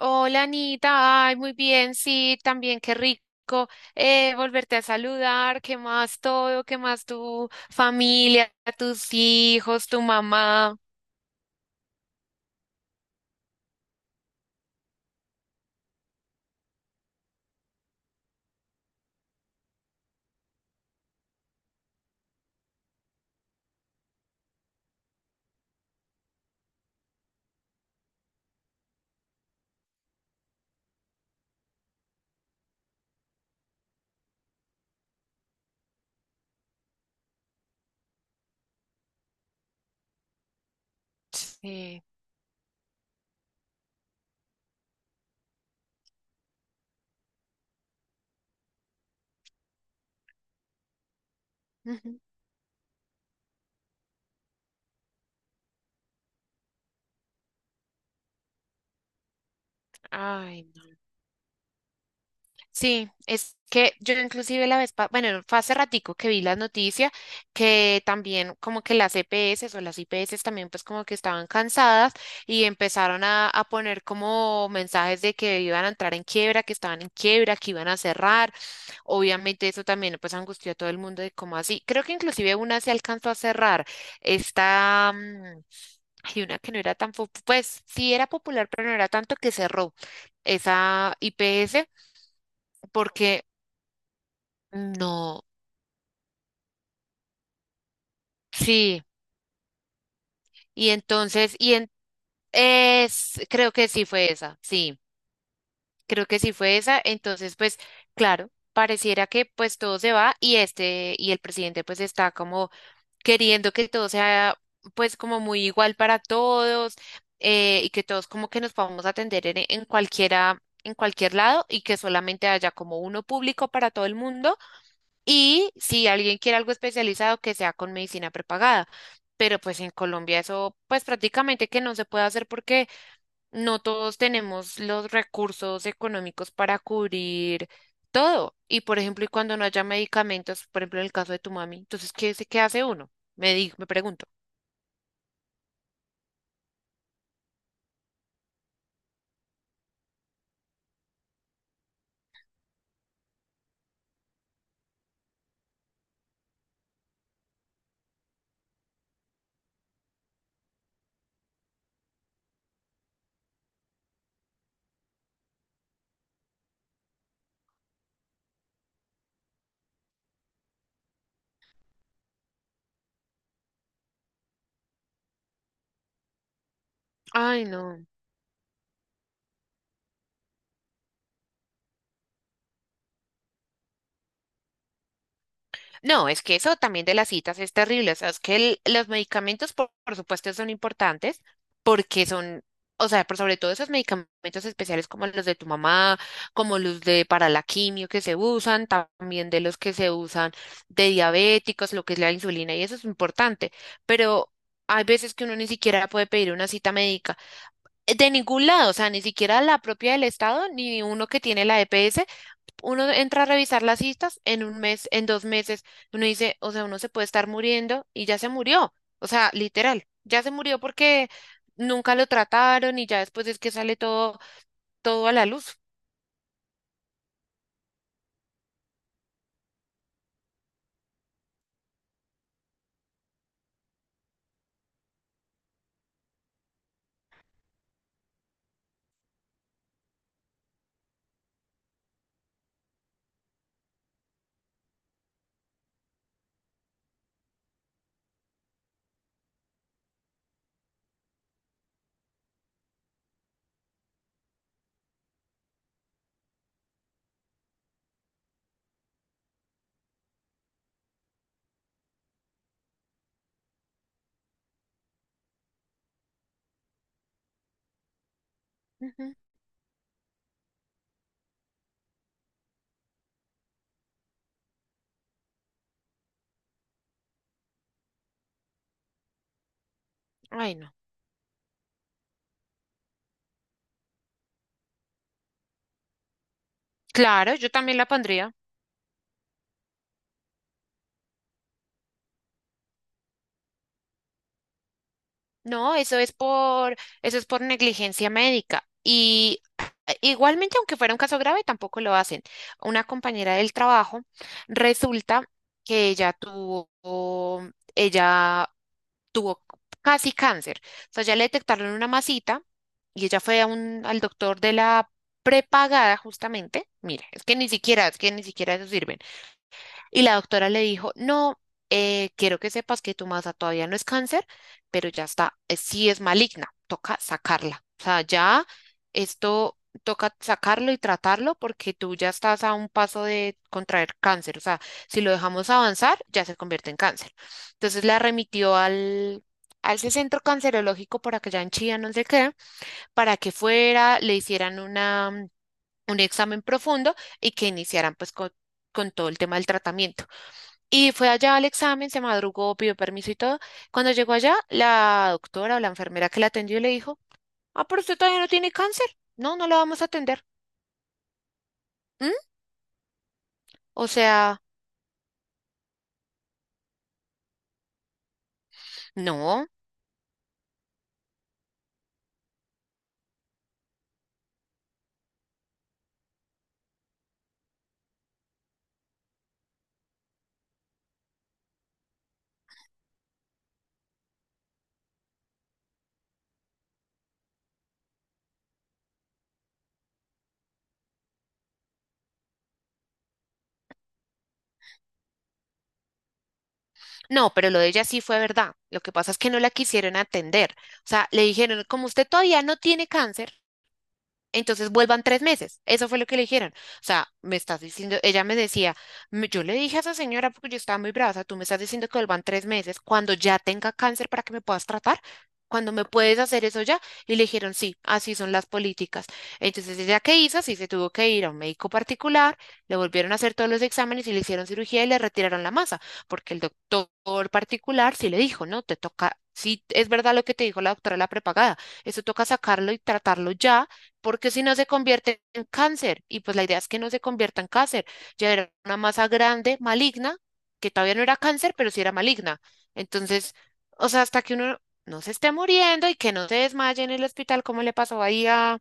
Hola Anita, ay, muy bien, sí, también qué rico volverte a saludar, qué más todo, qué más tu familia, tus hijos, tu mamá. Sí. Ujú. Ay, no. Sí, es que yo inclusive la vez, bueno, fue hace ratico que vi la noticia que también como que las EPS o las IPS también pues como que estaban cansadas y empezaron a poner como mensajes de que iban a entrar en quiebra, que estaban en quiebra, que iban a cerrar. Obviamente eso también pues angustió a todo el mundo de cómo así. Creo que inclusive una se alcanzó a cerrar. Esta, hay una que no era tan, pues sí era popular, pero no era tanto, que cerró esa IPS porque no, sí. Y entonces, creo que sí fue esa, sí, creo que sí fue esa. Entonces, pues claro, pareciera que pues todo se va y este, y el presidente pues está como queriendo que todo sea pues como muy igual para todos, y que todos como que nos podamos atender en cualquiera, en cualquier lado y que solamente haya como uno público para todo el mundo y si alguien quiere algo especializado que sea con medicina prepagada. Pero pues en Colombia eso pues prácticamente que no se puede hacer porque no todos tenemos los recursos económicos para cubrir todo. Y por ejemplo, y cuando no haya medicamentos, por ejemplo, en el caso de tu mami, entonces, ¿ qué hace uno? Me digo, me pregunto. Ay, no. No, es que eso también de las citas es terrible. O sea, es que los medicamentos, por supuesto, son importantes porque son, o sea, pero sobre todo esos medicamentos especiales como los de tu mamá, como los de para la quimio que se usan, también de los que se usan de diabéticos, lo que es la insulina, y eso es importante. Pero hay veces que uno ni siquiera puede pedir una cita médica de ningún lado, o sea, ni siquiera la propia del Estado, ni uno que tiene la EPS. Uno entra a revisar las citas en un mes, en dos meses, uno dice, o sea, uno se puede estar muriendo y ya se murió, o sea, literal, ya se murió porque nunca lo trataron y ya después es que sale todo, todo a la luz. Ujú. Ay, no. Claro, yo también la pondría. No, eso es por negligencia médica. Y igualmente, aunque fuera un caso grave, tampoco lo hacen. Una compañera del trabajo resulta que ella tuvo casi cáncer. O sea, ya le detectaron una masita y ella fue a al doctor de la prepagada justamente. Mira, es que ni siquiera, es que ni siquiera eso sirve. Y la doctora le dijo, no, quiero que sepas que tu masa todavía no es cáncer, pero ya está, sí es maligna, toca sacarla. O sea, ya esto toca sacarlo y tratarlo porque tú ya estás a un paso de contraer cáncer. O sea, si lo dejamos avanzar, ya se convierte en cáncer. Entonces la remitió al... a ese centro cancerológico por allá en Chía, no sé qué, para que fuera, le hicieran una, un examen profundo y que iniciaran pues con todo el tema del tratamiento. Y fue allá al examen, se madrugó, pidió permiso y todo. Cuando llegó allá, la doctora o la enfermera que la atendió le dijo, ah, pero usted todavía no tiene cáncer. No, no la vamos a atender. ¿Mm? O sea, no, no, pero lo de ella sí fue verdad. Lo que pasa es que no la quisieron atender. O sea, le dijeron, como usted todavía no tiene cáncer, entonces vuelvan tres meses. Eso fue lo que le dijeron. O sea, me estás diciendo, ella me decía: Yo le dije a esa señora porque yo estaba muy brava, o sea, tú me estás diciendo que vuelvan tres meses cuando ya tenga cáncer para que me puedas tratar, cuando me puedes hacer eso ya". Y le dijeron, sí, así son las políticas. Entonces ella qué hizo, sí se tuvo que ir a un médico particular, le volvieron a hacer todos los exámenes y le hicieron cirugía y le retiraron la masa, porque el doctor particular sí le dijo, no, te toca, sí es verdad lo que te dijo la doctora de la prepagada, eso toca sacarlo y tratarlo ya porque si no se convierte en cáncer, y pues la idea es que no se convierta en cáncer, ya era una masa grande, maligna, que todavía no era cáncer, pero sí era maligna. Entonces, o sea, hasta que uno no se esté muriendo y que no se desmaye en el hospital, como le pasó ahí a,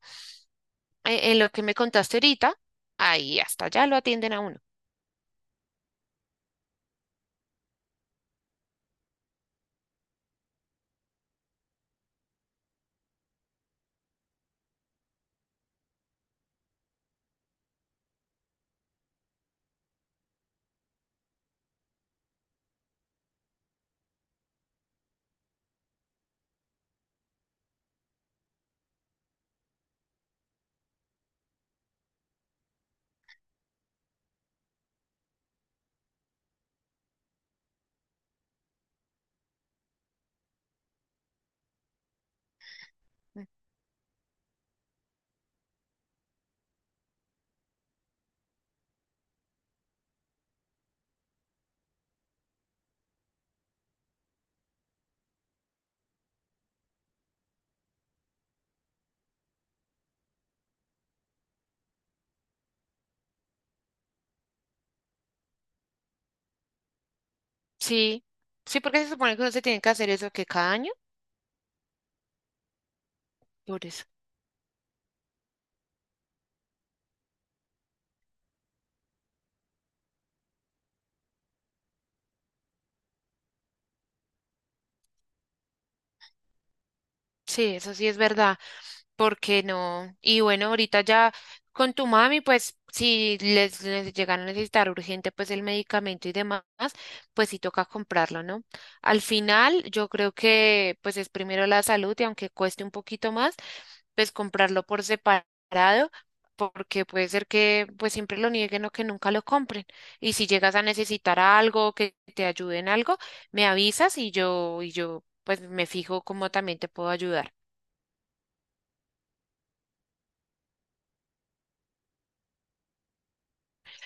en lo que me contaste ahorita, ahí hasta allá lo atienden a uno. Mm. Sí, sí, porque se supone que uno se tiene que hacer eso que cada año, por eso. Sí, eso sí es verdad. ¿Por qué no? Y bueno, ahorita ya con tu mami, pues si les llegan a necesitar urgente pues el medicamento y demás, pues sí toca comprarlo, ¿no? Al final, yo creo que pues es primero la salud y aunque cueste un poquito más, pues comprarlo por separado, porque puede ser que pues siempre lo nieguen o que nunca lo compren. Y si llegas a necesitar algo, que te ayude en algo, me avisas y yo pues me fijo cómo también te puedo ayudar.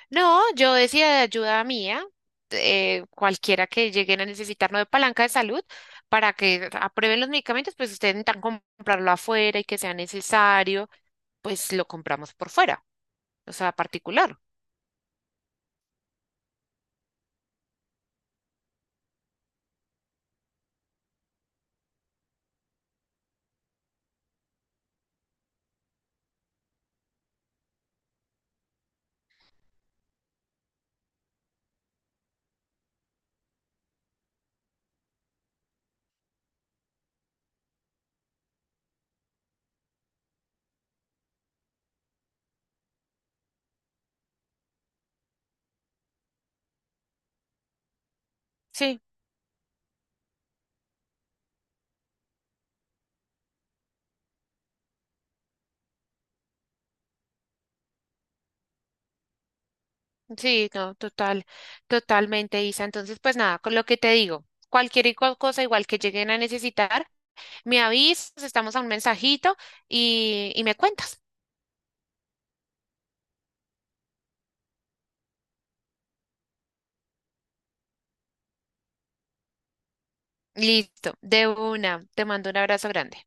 No, yo decía de ayuda mía, cualquiera que lleguen a necesitarnos de palanca de salud para que aprueben los medicamentos, pues ustedes intentan comprarlo afuera y que sea necesario, pues lo compramos por fuera, o sea, particular. Sí, sí, no, total, totalmente, Isa. Entonces, pues nada, con lo que te digo, cualquier y cual cosa igual que lleguen a necesitar, me avisas, estamos a un mensajito y me cuentas. Listo, de una, te mando un abrazo grande.